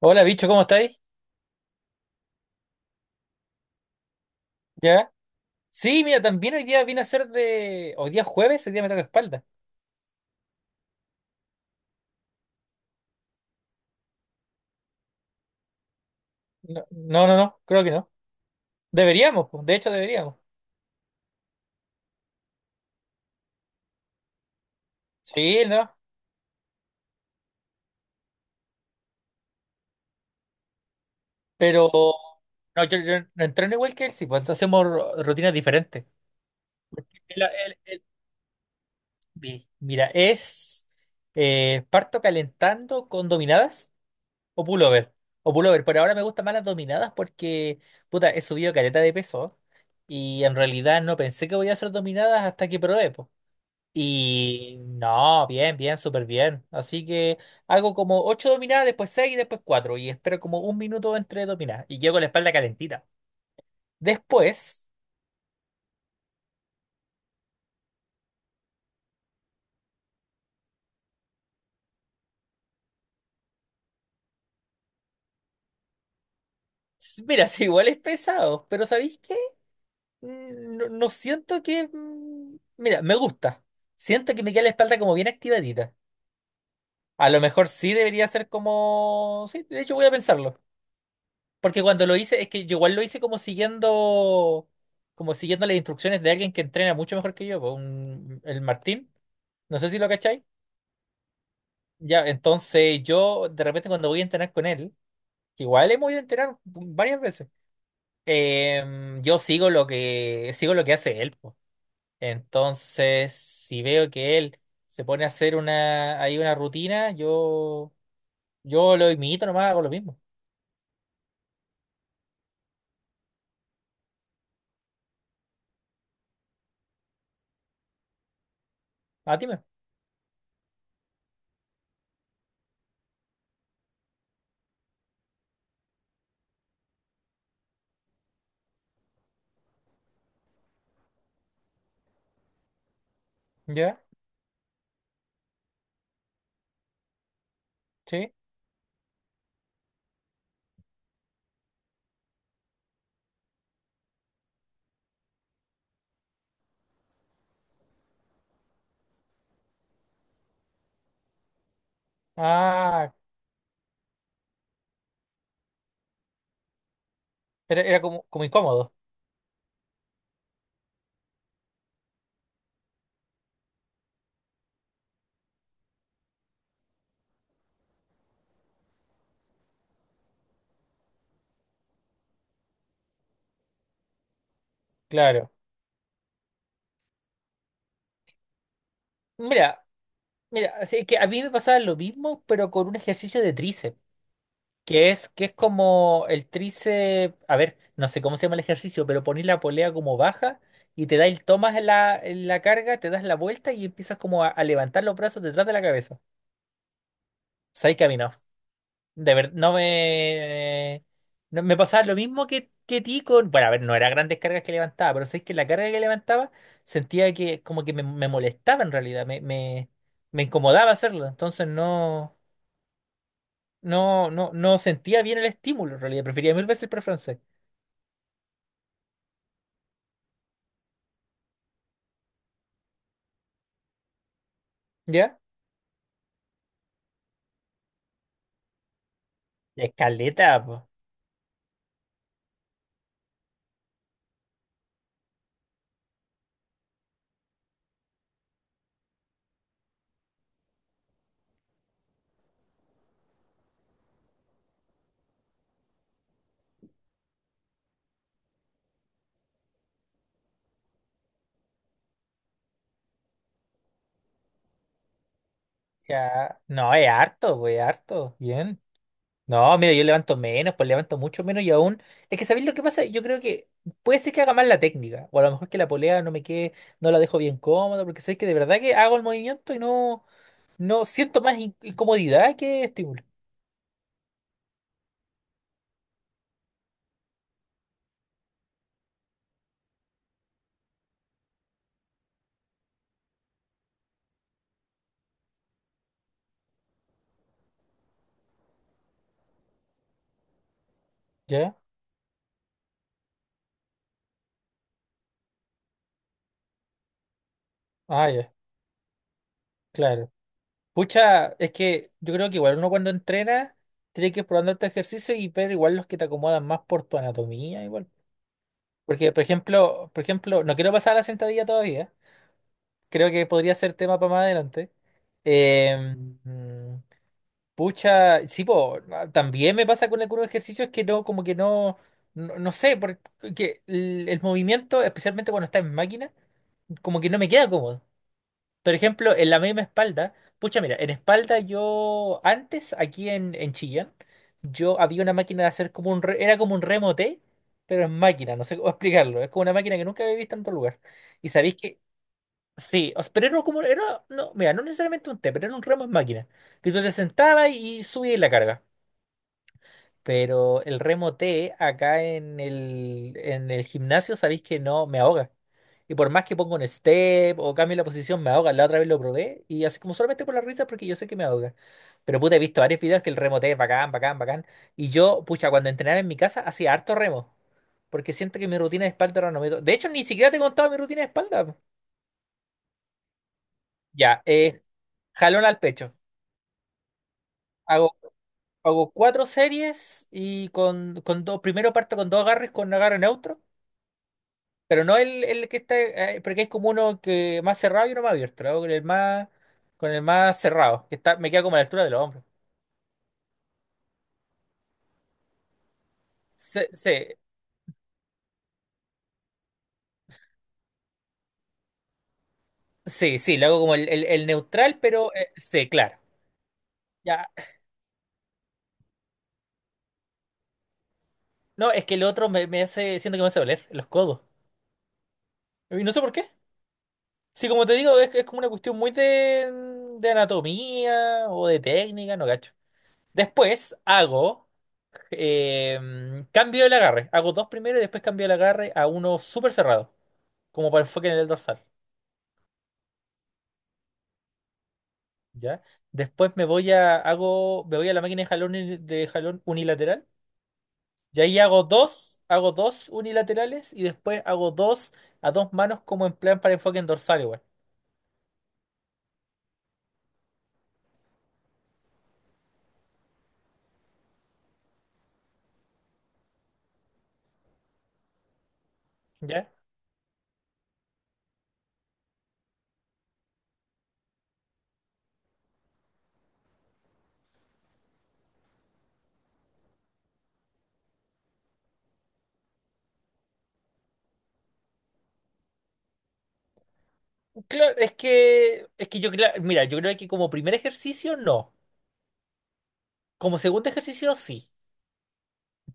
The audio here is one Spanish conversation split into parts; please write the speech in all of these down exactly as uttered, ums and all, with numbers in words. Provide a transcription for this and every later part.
Hola, bicho, ¿cómo estáis? ¿Ya? Sí, mira, también hoy día vine a ser de... Hoy día es jueves, hoy día me toca espalda. No, no, no, no, creo que no. Deberíamos, pues, de hecho deberíamos. Sí, no, pero... No, yo, yo no entreno igual que él, sí, pues hacemos ru- rutinas diferentes. El- el- el- mi- Mira, es eh, parto calentando con dominadas o pullover. O pullover, pero ahora me gustan más las dominadas porque, puta, he subido caleta de peso y en realidad no pensé que voy a hacer dominadas hasta que probé, po. Y no, bien, bien, súper bien. Así que hago como ocho dominadas, después seis y después cuatro. Y espero como un minuto entre dominadas. Y llego con la espalda calentita. Después, s- mira, si igual es pesado, pero ¿sabéis qué? Mm, No, no siento que... mm, Mira, me gusta. Siento que me queda la espalda como bien activadita. A lo mejor sí debería ser como... Sí, de hecho voy a pensarlo. Porque cuando lo hice, es que yo igual lo hice como siguiendo, como siguiendo las instrucciones de alguien que entrena mucho mejor que yo, pues, un- el Martín. No sé si lo cacháis. Ya, entonces yo de repente cuando voy a entrenar con él, que igual hemos ido a entrenar varias veces, eh, yo sigo lo que, sigo lo que hace él, po. Entonces, si veo que él se pone a hacer una, ahí una rutina, yo, yo lo imito nomás, hago lo mismo. A ti me. ¿Ya? Sí. Ah, era, era como, como incómodo. Claro. Mira, mira, así que a mí me pasaba lo mismo, pero con un ejercicio de tríceps, que es, que es como el tríceps, a ver, no sé cómo se llama el ejercicio, pero ponís la polea como baja y te da el, tomas la, la carga, te das la vuelta y empiezas como a, a levantar los brazos detrás de la cabeza. ¿Sabes que a mí no? De verdad, no me. No- me pasaba lo mismo que, que ti con. Bueno, a ver, no eran grandes cargas que levantaba, pero sabes que la carga que levantaba sentía que como que me, me molestaba en realidad, me, me, me incomodaba hacerlo. Entonces no, no, no, no sentía bien el estímulo en realidad. Prefería mil veces el pre francés. ¿Ya? Escaleta, pues. Ya. No, es harto, pues, es harto. Bien. No, mira, yo levanto menos, pues levanto mucho menos y aún. Es que ¿sabéis lo que pasa? Yo creo que puede ser que haga mal la técnica. O a lo mejor que la polea no me quede, no la dejo bien cómoda, porque sabéis que de verdad que hago el movimiento y no, no siento más in- incomodidad que estímulo. ¿Ya? Ah, ya, claro. Pucha, es que yo creo que igual uno cuando entrena tiene que ir probando este ejercicio y ver igual los que te acomodan más por tu anatomía, igual. Porque, por ejemplo, por ejemplo, no quiero pasar a la sentadilla todavía. Creo que podría ser tema para más adelante. Eh, mm, pucha, sí, po, no, también me pasa con algunos ejercicios que no, como que no, no, no sé, porque el, el movimiento, especialmente cuando está en máquina, como que no me queda cómodo. Por ejemplo, en la misma espalda, pucha, mira, en espalda yo antes, aquí en, en Chillán, yo había una máquina de hacer como un, re- era como un remote, pero en máquina, no sé cómo explicarlo, es como una máquina que nunca había visto en otro lugar. Y sabéis que sí, o sea, pero era como, era, no, mira, no necesariamente un T, pero era un remo en máquina, que tú te sentabas y subías la carga. Pero el remo T acá en el, en el gimnasio, sabéis que no me ahoga. Y por más que ponga un step o cambie la posición, me ahoga. La otra vez lo probé y así como solamente por la risa, porque yo sé que me ahoga. Pero puta, he visto varios videos que el remo T es bacán, bacán, bacán. Y yo, pucha, cuando entrenaba en mi casa, hacía harto remo. Porque siento que mi rutina de espalda era no me... do- De hecho, ni siquiera te he contado mi rutina de espalda. Ya, eh, jalón al pecho. Hago, hago cuatro series y con, con dos, primero parto con dos agarres con agarre neutro, pero no el, el que está, eh, porque es como uno que más cerrado y uno más abierto, lo hago con el más, con el más cerrado, que está, me queda como a la altura de los hombros. Sí, sí, sí, sí, lo hago como el, el- el neutral, pero eh, sí, claro. Ya. No, es que el otro me, me hace, siento que me hace doler los codos. Y no sé por qué. Sí, como te digo, es, es como una cuestión muy de, de anatomía o de técnica, no gacho. Después hago. Eh, cambio el agarre. Hago dos primero y después cambio el agarre a uno súper cerrado, como para enfoque en el dorsal. ¿Ya? Después me voy a, hago, me voy a la máquina de jalón, uni- de jalón unilateral. Y ahí hago dos, hago dos unilaterales y después hago dos a dos manos como en plan para enfoque en dorsal igual. ¿Ya? Claro, es que, es que yo, cla- mira, yo creo que como primer ejercicio no. Como segundo ejercicio sí.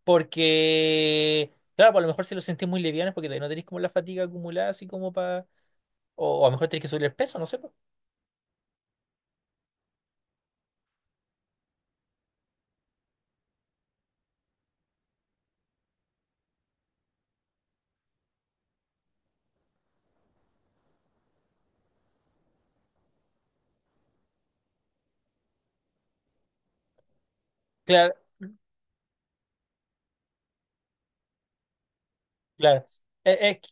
Porque, claro, pues a lo mejor si lo sentís muy liviano es porque todavía no tenéis como la fatiga acumulada, así como para. O, o a lo mejor tenéis que subir el peso, no sé, pues. Claro, claro. Es, es que-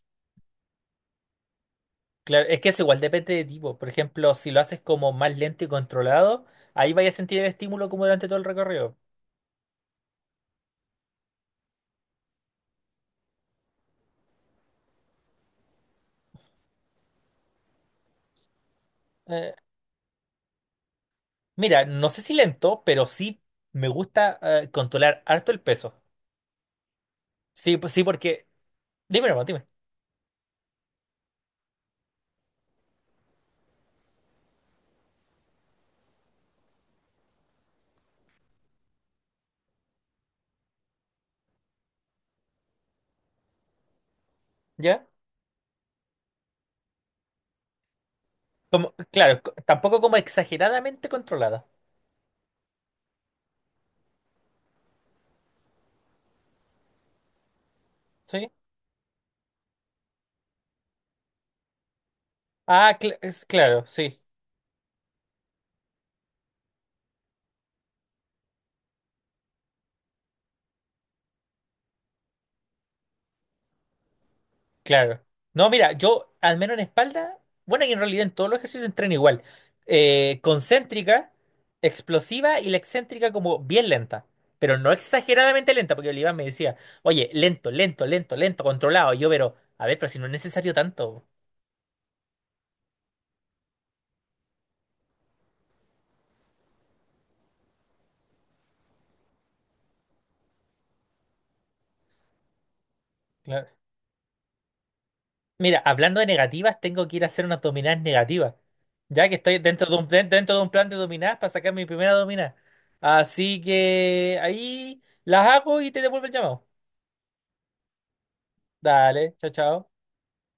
claro, es que eso igual depende de tipo. Por ejemplo, si lo haces como más lento y controlado, ahí vais a sentir el estímulo como durante todo el recorrido. Eh, mira, no sé si lento, pero sí me gusta eh, controlar harto el peso. Sí, pues sí, porque. Dime, hermano, dime. ¿Ya? Como, claro, co- tampoco como exageradamente controlada. ¿Sí? Ah, cl- es, claro, sí. Claro. No, mira, yo al menos en espalda, bueno, y en realidad en todos los ejercicios entreno igual. Eh, concéntrica, explosiva y la excéntrica como bien lenta, pero no exageradamente lenta, porque el me decía, oye, lento, lento, lento, lento, controlado. Y yo, pero, a ver, pero si no es necesario tanto. Claro. Mira, hablando de negativas, tengo que ir a hacer unas dominadas negativas, ya que estoy dentro de un, den- dentro de un plan de dominadas para sacar mi primera dominada. Así que ahí las hago y te devuelvo el llamado. Dale, chao, chao.